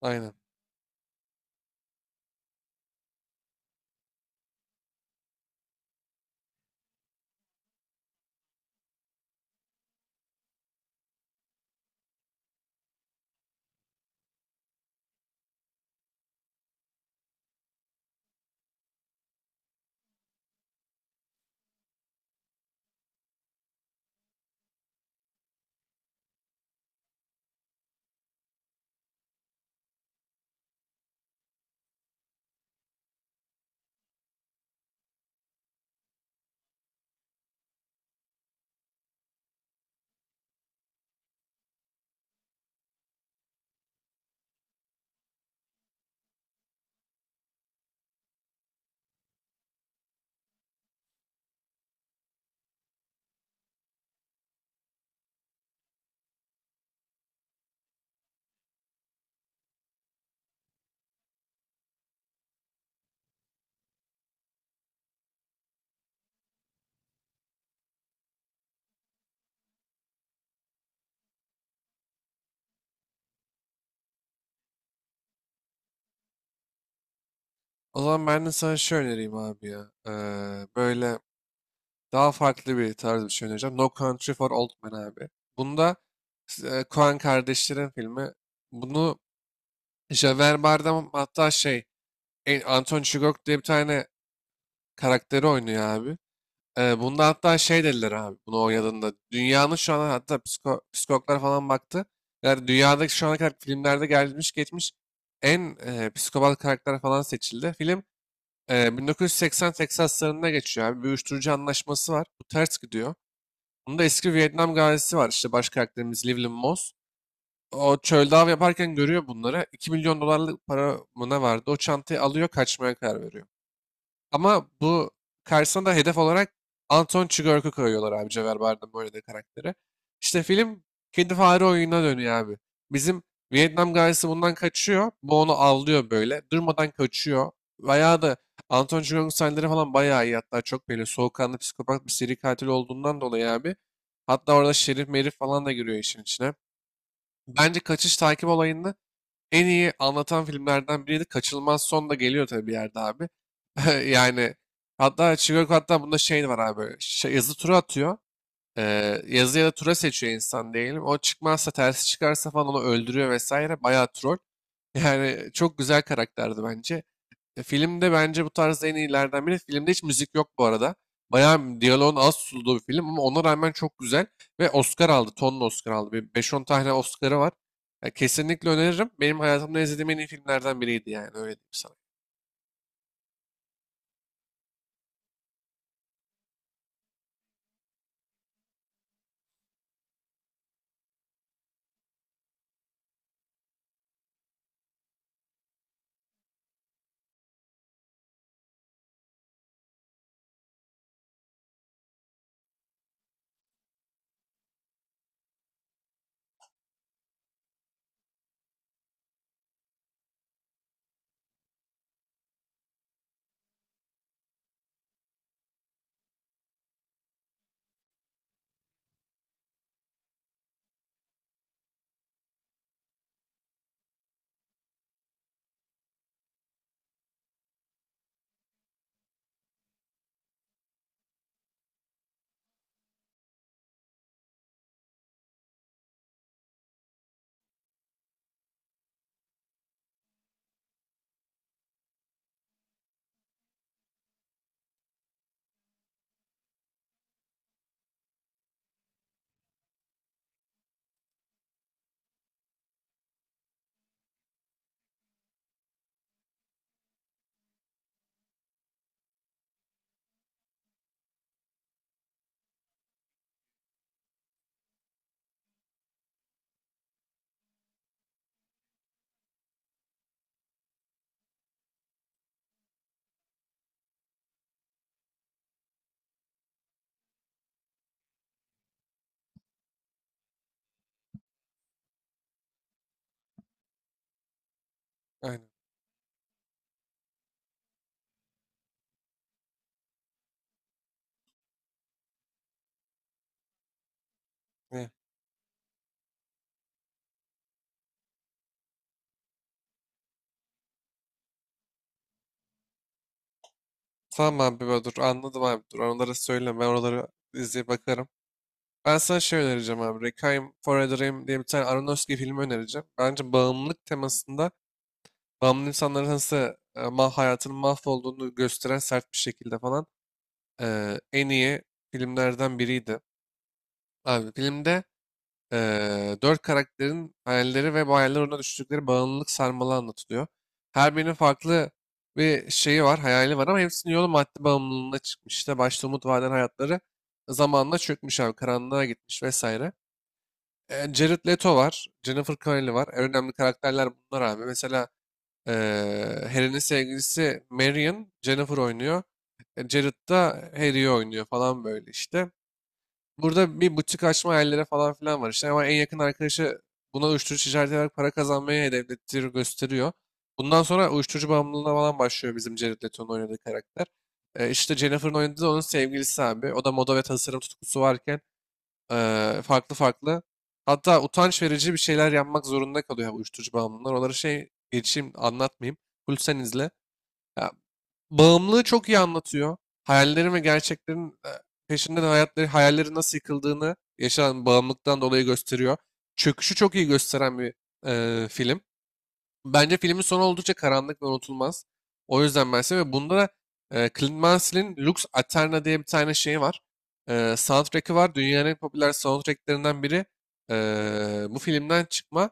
Aynen. O zaman ben de sana şey önereyim abi ya. Böyle daha farklı bir tarz bir şey önereceğim. No Country for Old Men abi. Bunda Coen kardeşlerin filmi. Bunu Javier Bardem hatta şey Anton Chigurh diye bir tane karakteri oynuyor abi. Bunda hatta şey dediler abi bunu oynadığında. Dünyanın şu an hatta psiko, psikologlar falan baktı. Yani dünyadaki şu ana kadar filmlerde gelmiş geçmiş en psikopat karakter falan seçildi. Film 1980 Teksaslarında geçiyor abi. Bir uyuşturucu anlaşması var. Bu ters gidiyor. Bunda eski Vietnam gazisi var. İşte baş karakterimiz Llewellyn Moss. O çölde av yaparken görüyor bunları. 2 milyon dolarlık para mı ne vardı? O çantayı alıyor, kaçmaya karar veriyor. Ama bu karşısına da hedef olarak Anton Chigurh'u koyuyorlar abi, Cevher Bardem böyle de karakteri. İşte film kendi fare oyununa dönüyor abi. Bizim Vietnam gazisi bundan kaçıyor. Bu onu avlıyor böyle. Durmadan kaçıyor. Veya da Anton Chigurh'un sahneleri falan bayağı iyi. Hatta çok böyle soğukkanlı psikopat bir seri katil olduğundan dolayı abi. Hatta orada Şerif Merif falan da giriyor işin içine. Bence kaçış takip olayını en iyi anlatan filmlerden biriydi. Kaçınılmaz son da geliyor tabii bir yerde abi. Yani hatta Chicago hatta bunda şey var abi. Şey, yazı tura atıyor. Yazı ya da tura seçiyor insan diyelim. O çıkmazsa, tersi çıkarsa falan onu öldürüyor vesaire. Bayağı troll. Yani çok güzel karakterdi bence. Filmde bence bu tarz en iyilerden biri. Filmde hiç müzik yok bu arada. Bayağı diyaloğun az tutulduğu bir film ama ona rağmen çok güzel. Ve Oscar aldı. Tonla Oscar aldı. Bir 5-10 tane Oscar'ı var. Ya, kesinlikle öneririm. Benim hayatımda izlediğim en iyi filmlerden biriydi yani. Öyle diyeyim sana. Aynen. Ne? Tamam abi ben dur. Anladım abi dur. Onlara söyleme. Ben oraları izleyip bakarım. Ben sana şey önereceğim abi. Requiem for a Dream diye bir tane Aronofsky filmi önereceğim. Bence bağımlılık temasında bağımlı insanların nasıl e, ma hayatının mahvolduğunu gösteren sert bir şekilde falan en iyi filmlerden biriydi. Abi filmde 4 karakterin hayalleri ve bu hayaller uğruna düştükleri bağımlılık sarmalı anlatılıyor. Her birinin farklı bir şeyi var, hayali var ama hepsinin yolu madde bağımlılığına çıkmış. İşte başta umut vaden hayatları zamanla çökmüş abi, karanlığa gitmiş vesaire. E, Jared Leto var, Jennifer Connelly var. En önemli karakterler bunlar abi. Mesela Harry'nin sevgilisi Marion, Jennifer oynuyor. E, Jared da Harry'i oynuyor falan böyle işte. Burada bir butik açma hayallere falan filan var işte. Ama en yakın arkadaşı buna uyuşturucu ticareti ederek para kazanmayı hedeflettiğini gösteriyor. Bundan sonra uyuşturucu bağımlılığına falan başlıyor bizim Jared Leto'nun oynadığı karakter. E, işte Jennifer'ın oynadığı da onun sevgilisi abi. O da moda ve tasarım tutkusu varken farklı farklı. Hatta utanç verici bir şeyler yapmak zorunda kalıyor bu uyuşturucu bağımlılar. Onları şey geçeyim, anlatmayayım. Full sen izle. Ya, bağımlılığı çok iyi anlatıyor. Hayallerin ve gerçeklerin peşinde de hayatları, hayalleri nasıl yıkıldığını yaşanan bağımlılıktan dolayı gösteriyor. Çöküşü çok iyi gösteren bir film. Bence filmin sonu oldukça karanlık ve unutulmaz. O yüzden ben seviyorum. Ve bunda da Clint Mansell'in Lux Aeterna diye bir tane şeyi var. E, soundtrack'i var. Dünyanın en popüler soundtracklerinden biri. E, bu filmden çıkma.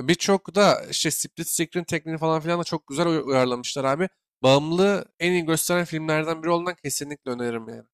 E, birçok da işte split screen tekniğini falan filan da çok güzel uyarlamışlar abi. Bağımlılığı en iyi gösteren filmlerden biri olduğundan kesinlikle öneririm yani.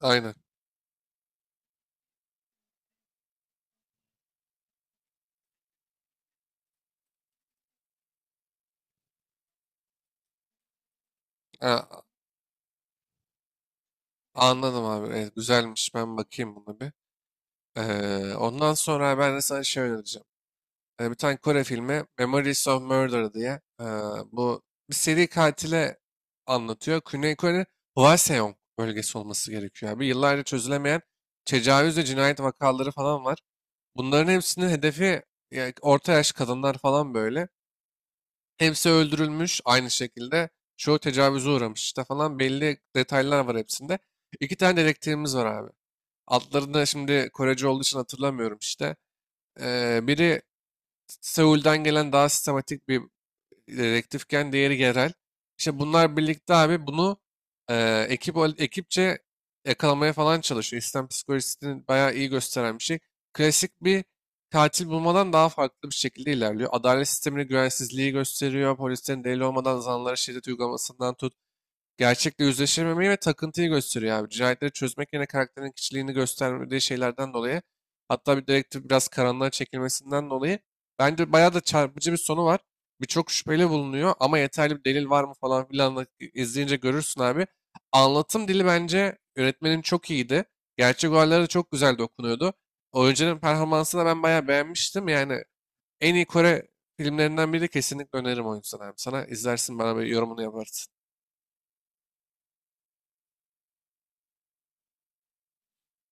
Aynen. Ha, anladım abi. Evet, güzelmiş. Ben bakayım buna bir. E, ondan sonra ben de sana şey önereceğim. Bir tane Kore filmi Memories of Murder diye, bu bir seri katile anlatıyor. Güney Kore Hwaseong bölgesi olması gerekiyor abi. Yıllarca çözülemeyen tecavüz ve cinayet vakaları falan var. Bunların hepsinin hedefi ya, orta yaş kadınlar falan böyle. Hepsi öldürülmüş aynı şekilde. Çoğu tecavüze uğramış işte falan, belli detaylar var hepsinde. İki tane dedektifimiz var abi. Adlarını şimdi Korece olduğu için hatırlamıyorum işte. Biri Seul'den gelen daha sistematik bir direktifken diğeri yerel. İşte bunlar birlikte abi bunu ekipçe yakalamaya falan çalışıyor. İslam psikolojisini bayağı iyi gösteren bir şey. Klasik bir katil bulmadan daha farklı bir şekilde ilerliyor. Adalet sistemine güvensizliği gösteriyor. Polislerin delil olmadan zanlara şiddet uygulamasından tut, gerçekle yüzleşememeyi ve takıntıyı gösteriyor abi. Cinayetleri çözmek yerine karakterin kişiliğini gösterdiği şeylerden dolayı, hatta bir direktif biraz karanlığa çekilmesinden dolayı, bence bayağı da çarpıcı bir sonu var. Birçok şüpheli bulunuyor ama yeterli bir delil var mı falan filan da izleyince görürsün abi. Anlatım dili bence yönetmenin çok iyiydi. Gerçek olaylara da çok güzel dokunuyordu. Oyuncunun performansını da ben bayağı beğenmiştim. Yani en iyi Kore filmlerinden biri, kesinlikle öneririm o yüzden abi. Sana izlersin, bana bir yorumunu yaparsın.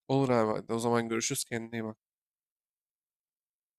Olur abi, hadi o zaman görüşürüz, kendine iyi bak.